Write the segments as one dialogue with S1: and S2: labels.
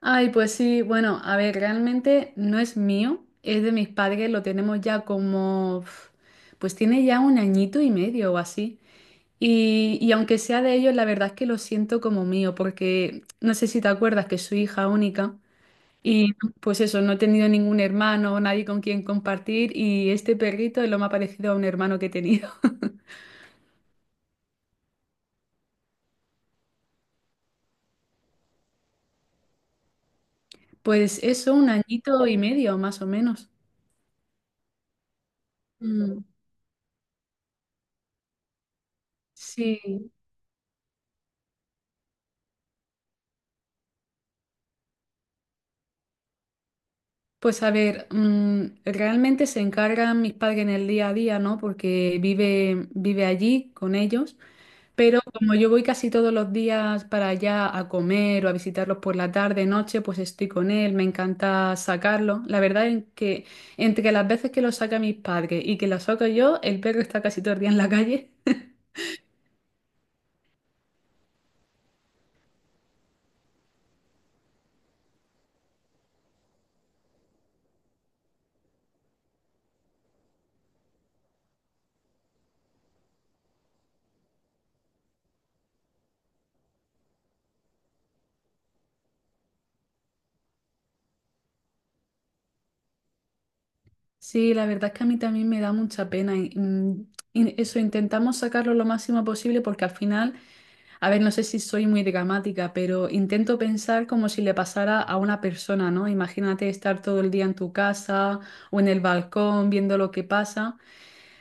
S1: Ay, pues sí, bueno, a ver, realmente no es mío, es de mis padres, lo tenemos ya como, pues tiene ya un añito y medio o así. Y aunque sea de ellos, la verdad es que lo siento como mío, porque no sé si te acuerdas que soy hija única y pues eso, no he tenido ningún hermano, nadie con quien compartir y este perrito es lo más parecido a un hermano que he tenido. Pues eso, un añito y medio, más o menos. Mm, sí. Pues a ver, realmente se encargan mis padres en el día a día, ¿no? Porque vive allí con ellos, pero como yo voy casi todos los días para allá a comer o a visitarlos por la tarde, noche, pues estoy con él, me encanta sacarlo. La verdad es que entre las veces que lo saca mis padres y que lo saco yo, el perro está casi todo el día en la calle. Sí, la verdad es que a mí también me da mucha pena. Y eso, intentamos sacarlo lo máximo posible porque al final... A ver, no sé si soy muy dramática, pero intento pensar como si le pasara a una persona, ¿no? Imagínate estar todo el día en tu casa o en el balcón viendo lo que pasa.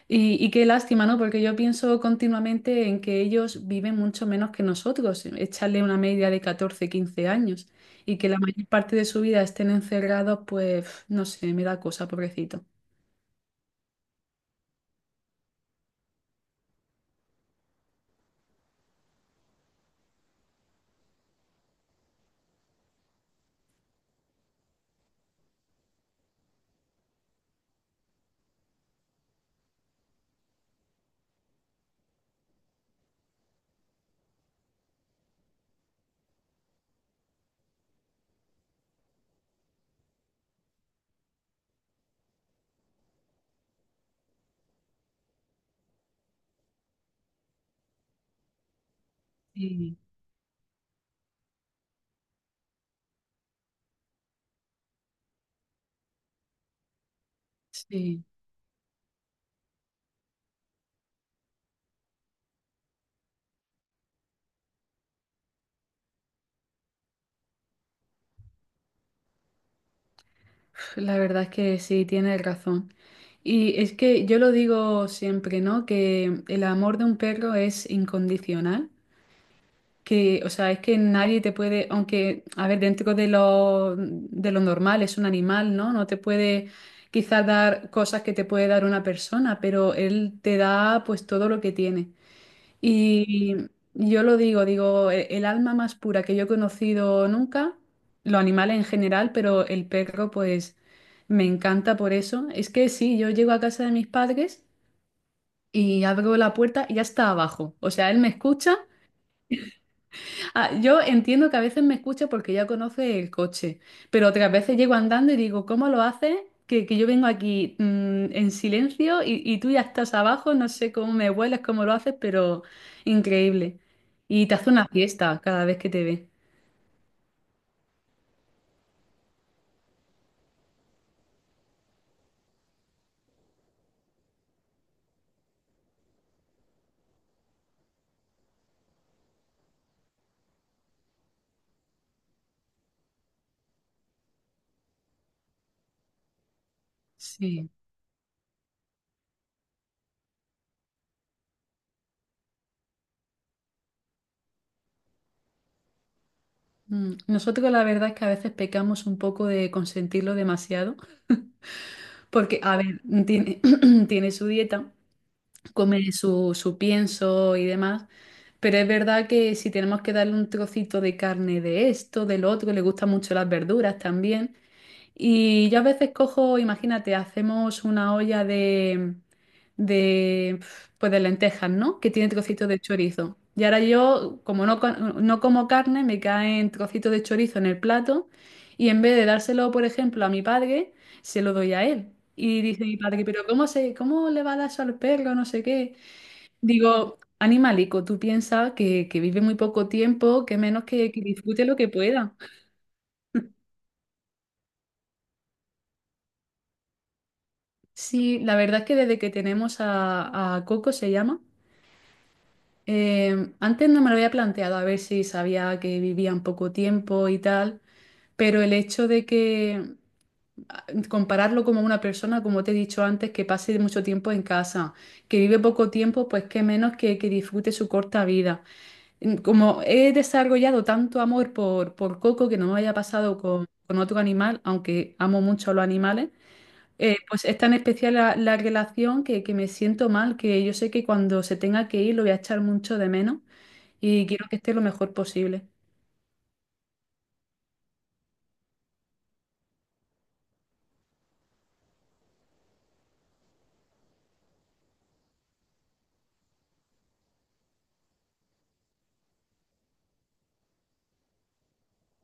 S1: Y qué lástima, ¿no? Porque yo pienso continuamente en que ellos viven mucho menos que nosotros, echarle una media de 14, 15 años y que la mayor parte de su vida estén encerrados, pues no sé, me da cosa, pobrecito. Sí, sí. La verdad es que sí, tienes razón. Y es que yo lo digo siempre, ¿no? Que el amor de un perro es incondicional, que, o sea, es que nadie te puede, aunque, a ver, dentro de lo normal, es un animal, ¿no? No te puede quizás dar cosas que te puede dar una persona, pero él te da pues todo lo que tiene. Y yo lo digo, digo, el alma más pura que yo he conocido nunca, los animales en general, pero el perro pues me encanta por eso. Es que sí, yo llego a casa de mis padres y abro la puerta y ya está abajo. O sea, él me escucha. Ah, yo entiendo que a veces me escucha porque ya conoce el coche, pero otras veces llego andando y digo, ¿cómo lo haces? Que yo vengo aquí en silencio y tú ya estás abajo, no sé cómo me vuelas, cómo lo haces, pero increíble. Y te hace una fiesta cada vez que te ve. Sí. Mm, nosotros la verdad es que a veces pecamos un poco de consentirlo demasiado, porque, a ver, tiene, tiene su dieta. Come su pienso y demás. Pero es verdad que si tenemos que darle un trocito de carne de esto, del otro, le gustan mucho las verduras también. Y yo a veces cojo, imagínate, hacemos una olla de, pues de lentejas, ¿no? Que tiene trocitos de chorizo. Y ahora yo, como no, no como carne, me caen trocitos de chorizo en el plato y en vez de dárselo, por ejemplo, a mi padre, se lo doy a él. Y dice mi padre, pero ¿cómo se, cómo le va a dar eso al perro? No sé qué. Digo, animalico, tú piensas que vive muy poco tiempo, que menos que disfrute lo que pueda. Sí, la verdad es que desde que tenemos a Coco, se llama, antes no me lo había planteado a ver si sabía que vivían poco tiempo y tal, pero el hecho de que compararlo como una persona, como te he dicho antes, que pase mucho tiempo en casa, que vive poco tiempo, pues que menos que disfrute su corta vida. Mm, como he desarrollado tanto amor por Coco que no me haya pasado con otro animal, aunque amo mucho a los animales, pues es tan especial la, la relación que me siento mal, que yo sé que cuando se tenga que ir lo voy a echar mucho de menos y quiero que esté lo mejor posible.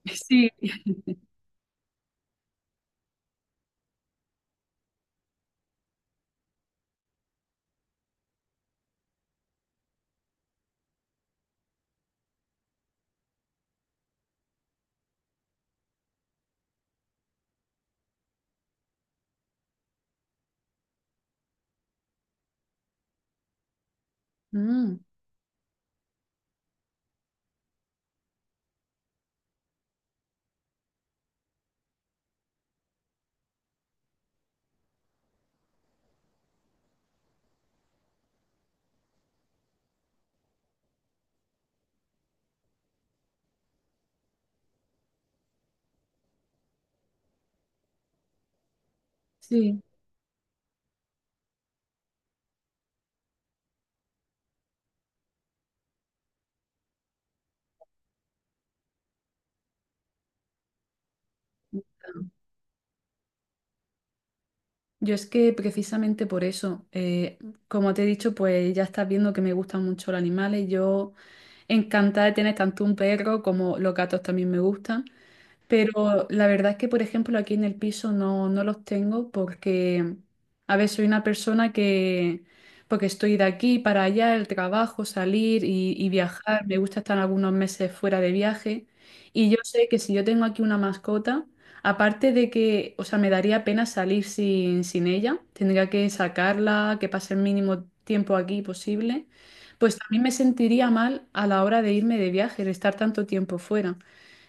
S1: Sí. Mm, sí. Yo es que precisamente por eso, como te he dicho, pues ya estás viendo que me gustan mucho los animales. Yo encantada de tener tanto un perro como los gatos también me gustan. Pero la verdad es que, por ejemplo, aquí en el piso no, no los tengo porque a ver, soy una persona que, porque estoy de aquí para allá, el trabajo, salir y viajar, me gusta estar algunos meses fuera de viaje. Y yo sé que si yo tengo aquí una mascota, aparte de que, o sea, me daría pena salir sin ella, tendría que sacarla, que pase el mínimo tiempo aquí posible, pues también me sentiría mal a la hora de irme de viaje, de estar tanto tiempo fuera.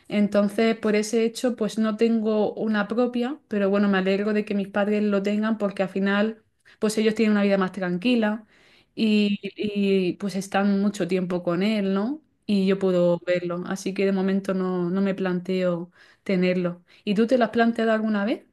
S1: Entonces, por ese hecho, pues no tengo una propia, pero bueno, me alegro de que mis padres lo tengan porque al final, pues ellos tienen una vida más tranquila pues están mucho tiempo con él, ¿no? Y yo puedo verlo. Así que de momento no, no me planteo tenerlo. ¿Y tú te lo has planteado alguna vez?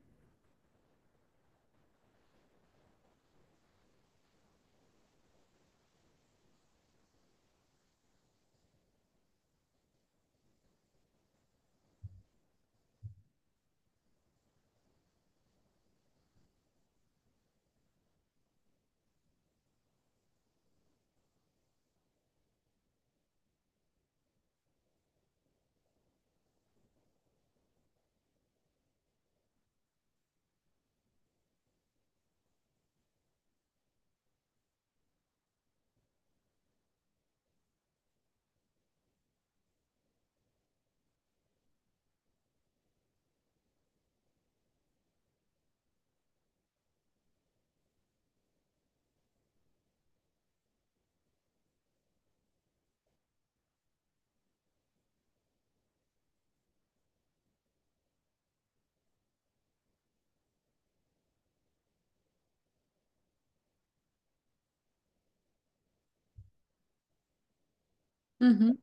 S1: Ujú.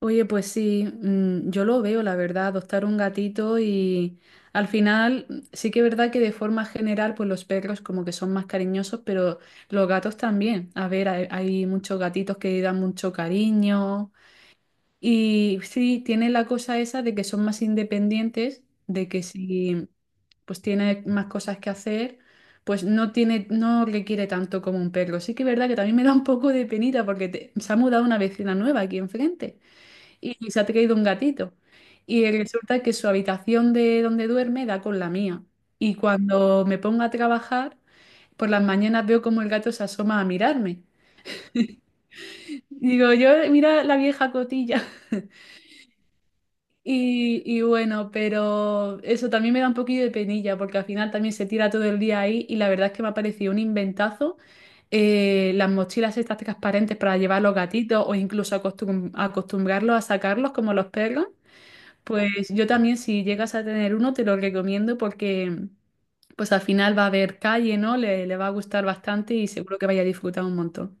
S1: Oye, pues sí, yo lo veo, la verdad, adoptar un gatito y al final sí que es verdad que de forma general, pues los perros como que son más cariñosos, pero los gatos también. A ver, hay muchos gatitos que dan mucho cariño y sí, tiene la cosa esa de que son más independientes, de que si pues tiene más cosas que hacer, pues no tiene, no requiere tanto como un perro. Sí que es verdad que también me da un poco de penita porque se ha mudado una vecina nueva aquí enfrente y se ha traído un gatito. Y resulta que su habitación de donde duerme da con la mía. Y cuando me pongo a trabajar, por las mañanas veo como el gato se asoma a mirarme. Y digo, yo, mira la vieja cotilla. Y bueno, pero eso también me da un poquillo de penilla, porque al final también se tira todo el día ahí y la verdad es que me ha parecido un inventazo las mochilas estas transparentes para llevar los gatitos o incluso acostumbrarlos a sacarlos como los perros. Pues yo también, si llegas a tener uno, te lo recomiendo porque pues al final va a haber calle, ¿no? Le va a gustar bastante y seguro que vaya a disfrutar un montón.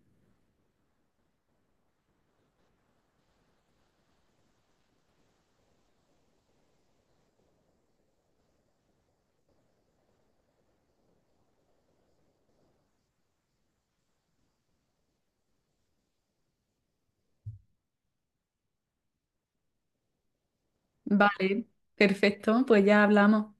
S1: Vale, perfecto, pues ya hablamos.